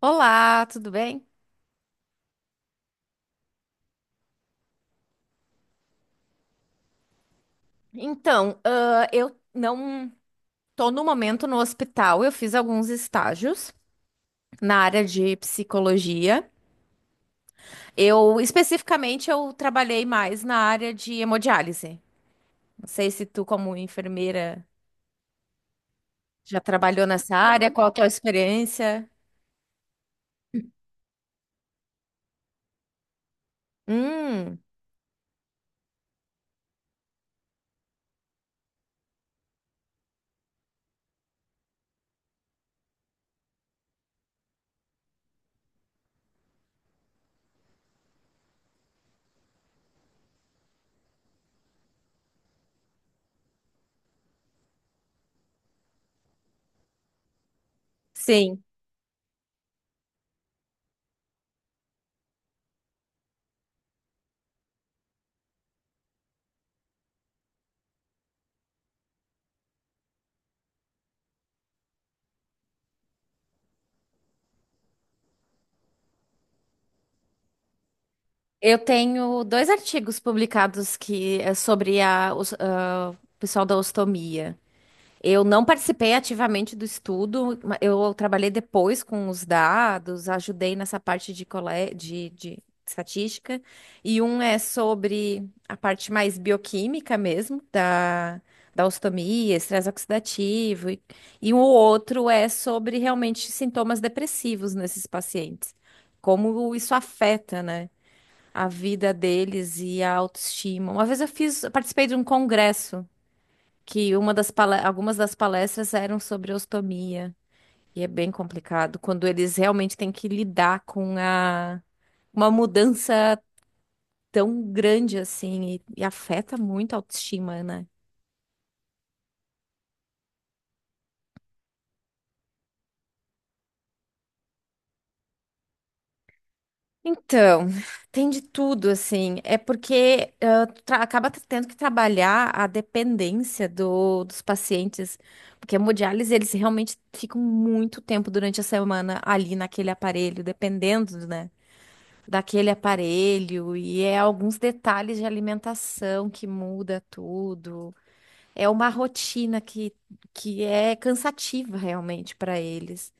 Olá, tudo bem? Eu não tô no momento no hospital. Eu fiz alguns estágios na área de psicologia. Eu especificamente eu trabalhei mais na área de hemodiálise. Não sei se tu, como enfermeira, já trabalhou nessa área. Qual a tua experiência? Hum, sim. Eu tenho dois artigos publicados que é sobre o pessoal da ostomia. Eu não participei ativamente do estudo, eu trabalhei depois com os dados, ajudei nessa parte de estatística, e um é sobre a parte mais bioquímica mesmo, da ostomia, estresse oxidativo, e o outro é sobre realmente sintomas depressivos nesses pacientes, como isso afeta, né, a vida deles e a autoestima. Uma vez eu fiz, eu participei de um congresso que algumas das palestras eram sobre ostomia, e é bem complicado quando eles realmente têm que lidar com uma mudança tão grande assim e afeta muito a autoestima, né? Então, tem de tudo, assim. É porque acaba tendo que trabalhar a dependência dos pacientes, porque a hemodiálise, eles realmente ficam muito tempo durante a semana ali naquele aparelho, dependendo, né? Daquele aparelho e é alguns detalhes de alimentação que muda tudo. É uma rotina que é cansativa realmente para eles.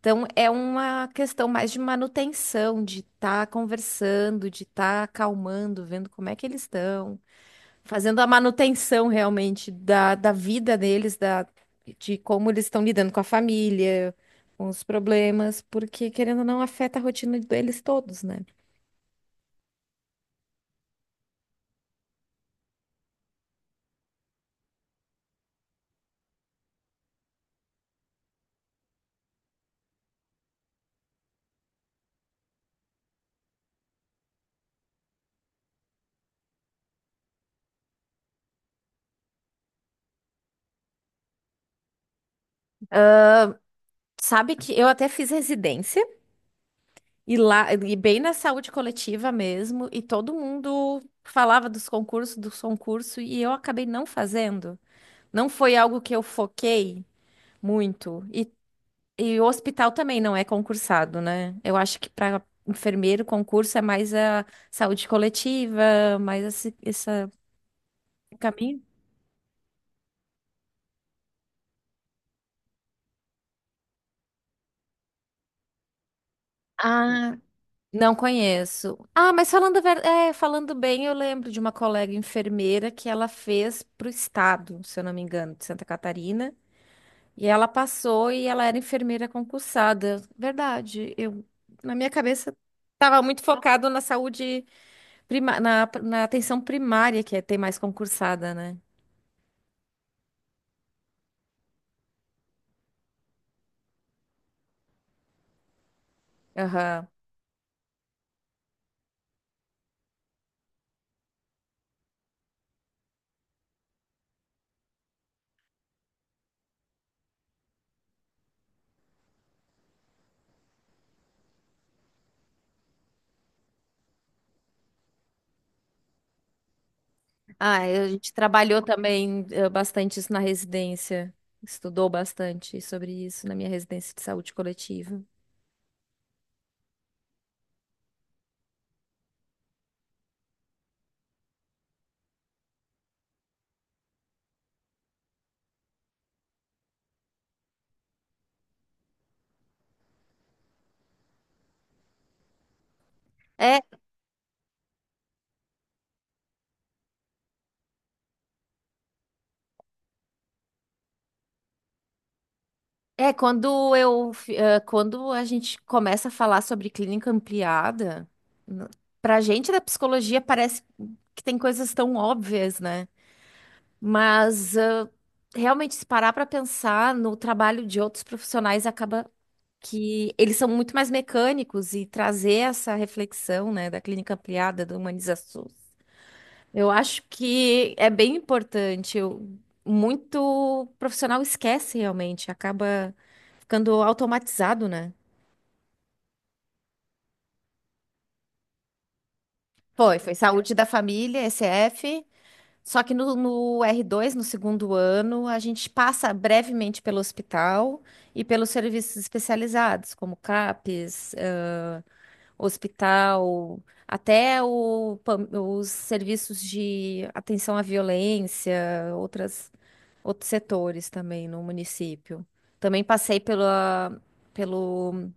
Então, é uma questão mais de manutenção, de estar conversando, de estar acalmando, vendo como é que eles estão, fazendo a manutenção realmente da vida deles, da, de como eles estão lidando com a família, com os problemas, porque querendo ou não, afeta a rotina deles todos, né? Sabe que eu até fiz residência e lá, e bem na saúde coletiva mesmo, e todo mundo falava dos concursos, e eu acabei não fazendo. Não foi algo que eu foquei muito. E o hospital também não é concursado, né? Eu acho que para enfermeiro, concurso é mais a saúde coletiva, mais esse caminho. Ah, não conheço. Ah, mas falando, falando bem, eu lembro de uma colega enfermeira que ela fez para o estado, se eu não me engano, de Santa Catarina. E ela passou e ela era enfermeira concursada. Verdade. Eu, na minha cabeça, estava muito focado na saúde na atenção primária, que é ter mais concursada, né? Aham. Ah, a gente trabalhou também bastante isso na residência. Estudou bastante sobre isso na minha residência de saúde coletiva. É. É, quando eu, fi- eh, quando a gente começa a falar sobre clínica ampliada, n- pra gente da psicologia parece que tem coisas tão óbvias, né? Mas realmente se parar pra pensar no trabalho de outros profissionais acaba que eles são muito mais mecânicos e trazer essa reflexão, né, da clínica ampliada, do humanização eu acho que é bem importante. Muito profissional esquece realmente, acaba ficando automatizado, né? Foi, foi Saúde da Família, ECF. Só que no r dois, no segundo ano, a gente passa brevemente pelo hospital e pelos serviços especializados, como CAPS, hospital, até o os serviços de atenção à violência, outras outros setores também no município. Também passei pelo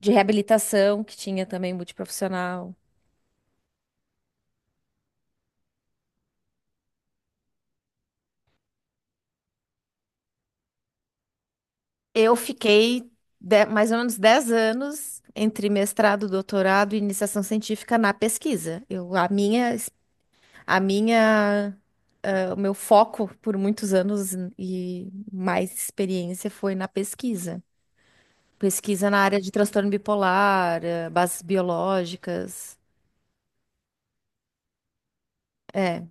de reabilitação, que tinha também multiprofissional. Eu fiquei mais ou menos 10 anos entre mestrado, doutorado e iniciação científica na pesquisa. Eu, a minha, eh, O meu foco por muitos anos e mais experiência foi na pesquisa. Pesquisa na área de transtorno bipolar, bases biológicas. eh,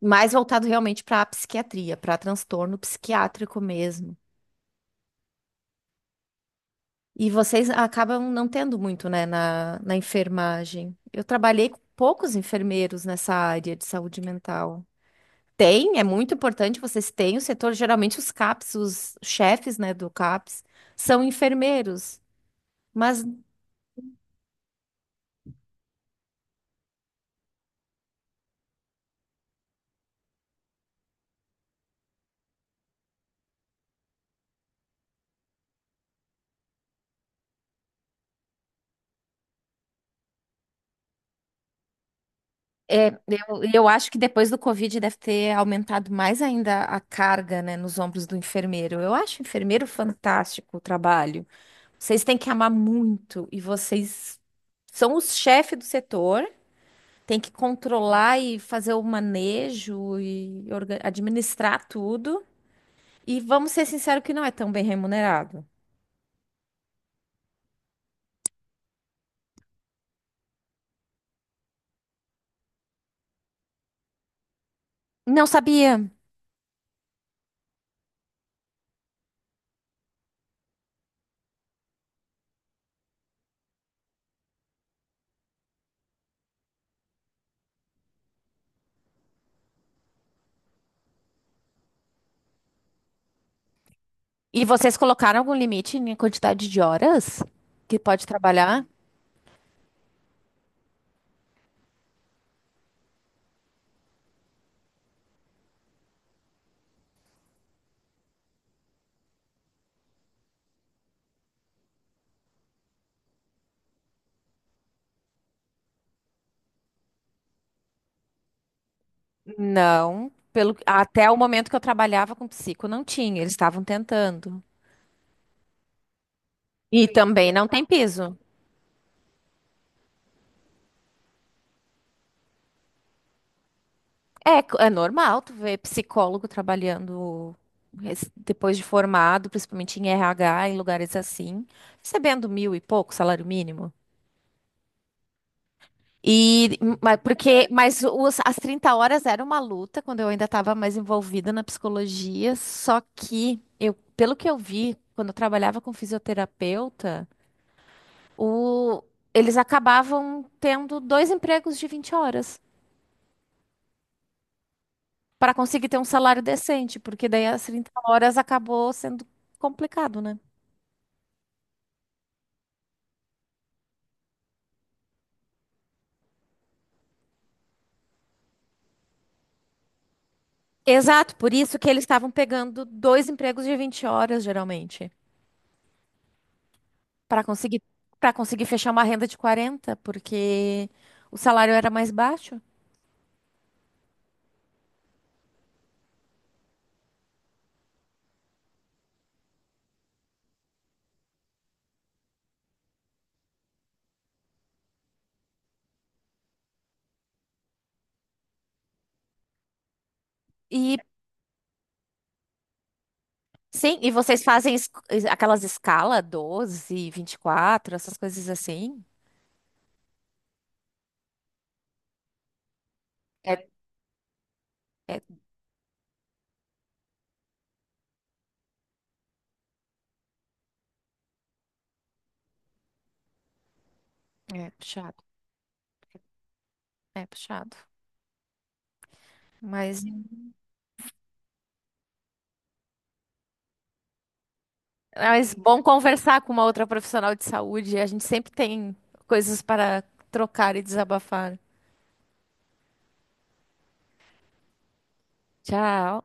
Mais voltado realmente para a psiquiatria, para transtorno psiquiátrico mesmo. E vocês acabam não tendo muito, né, na enfermagem. Eu trabalhei com poucos enfermeiros nessa área de saúde mental. Tem, é muito importante, vocês têm o setor, geralmente os CAPS, os chefes, né, do CAPS, são enfermeiros. Mas eu acho que depois do Covid deve ter aumentado mais ainda a carga, né, nos ombros do enfermeiro. Eu acho enfermeiro fantástico o trabalho. Vocês têm que amar muito e vocês são os chefes do setor, tem que controlar e fazer o manejo e administrar tudo. E vamos ser sinceros que não é tão bem remunerado. Não sabia. E vocês colocaram algum limite na quantidade de horas que pode trabalhar? Não. Pelo, até o momento que eu trabalhava com psico, não tinha. Eles estavam tentando. E também não tem piso. É, é normal tu ver psicólogo trabalhando depois de formado, principalmente em RH, em lugares assim, recebendo mil e pouco salário mínimo. E, mas porque, mas as 30 horas era uma luta quando eu ainda estava mais envolvida na psicologia, só que eu, pelo que eu vi, quando eu trabalhava com fisioterapeuta, o- eles acabavam tendo dois empregos de 20 horas para conseguir ter um salário decente, porque daí as 30 horas acabou sendo complicado, né? Exato, por isso que eles estavam pegando dois empregos de 20 horas, geralmente, para conseguir para conseguir fechar uma renda de 40, porque o salário era mais baixo. E sim, e vocês fazem aquelas escala 12, 24, essas coisas assim. É, é, É puxado, é puxado. Mas Mas bom conversar com uma outra profissional de saúde. A gente sempre tem coisas para trocar e desabafar. Tchau.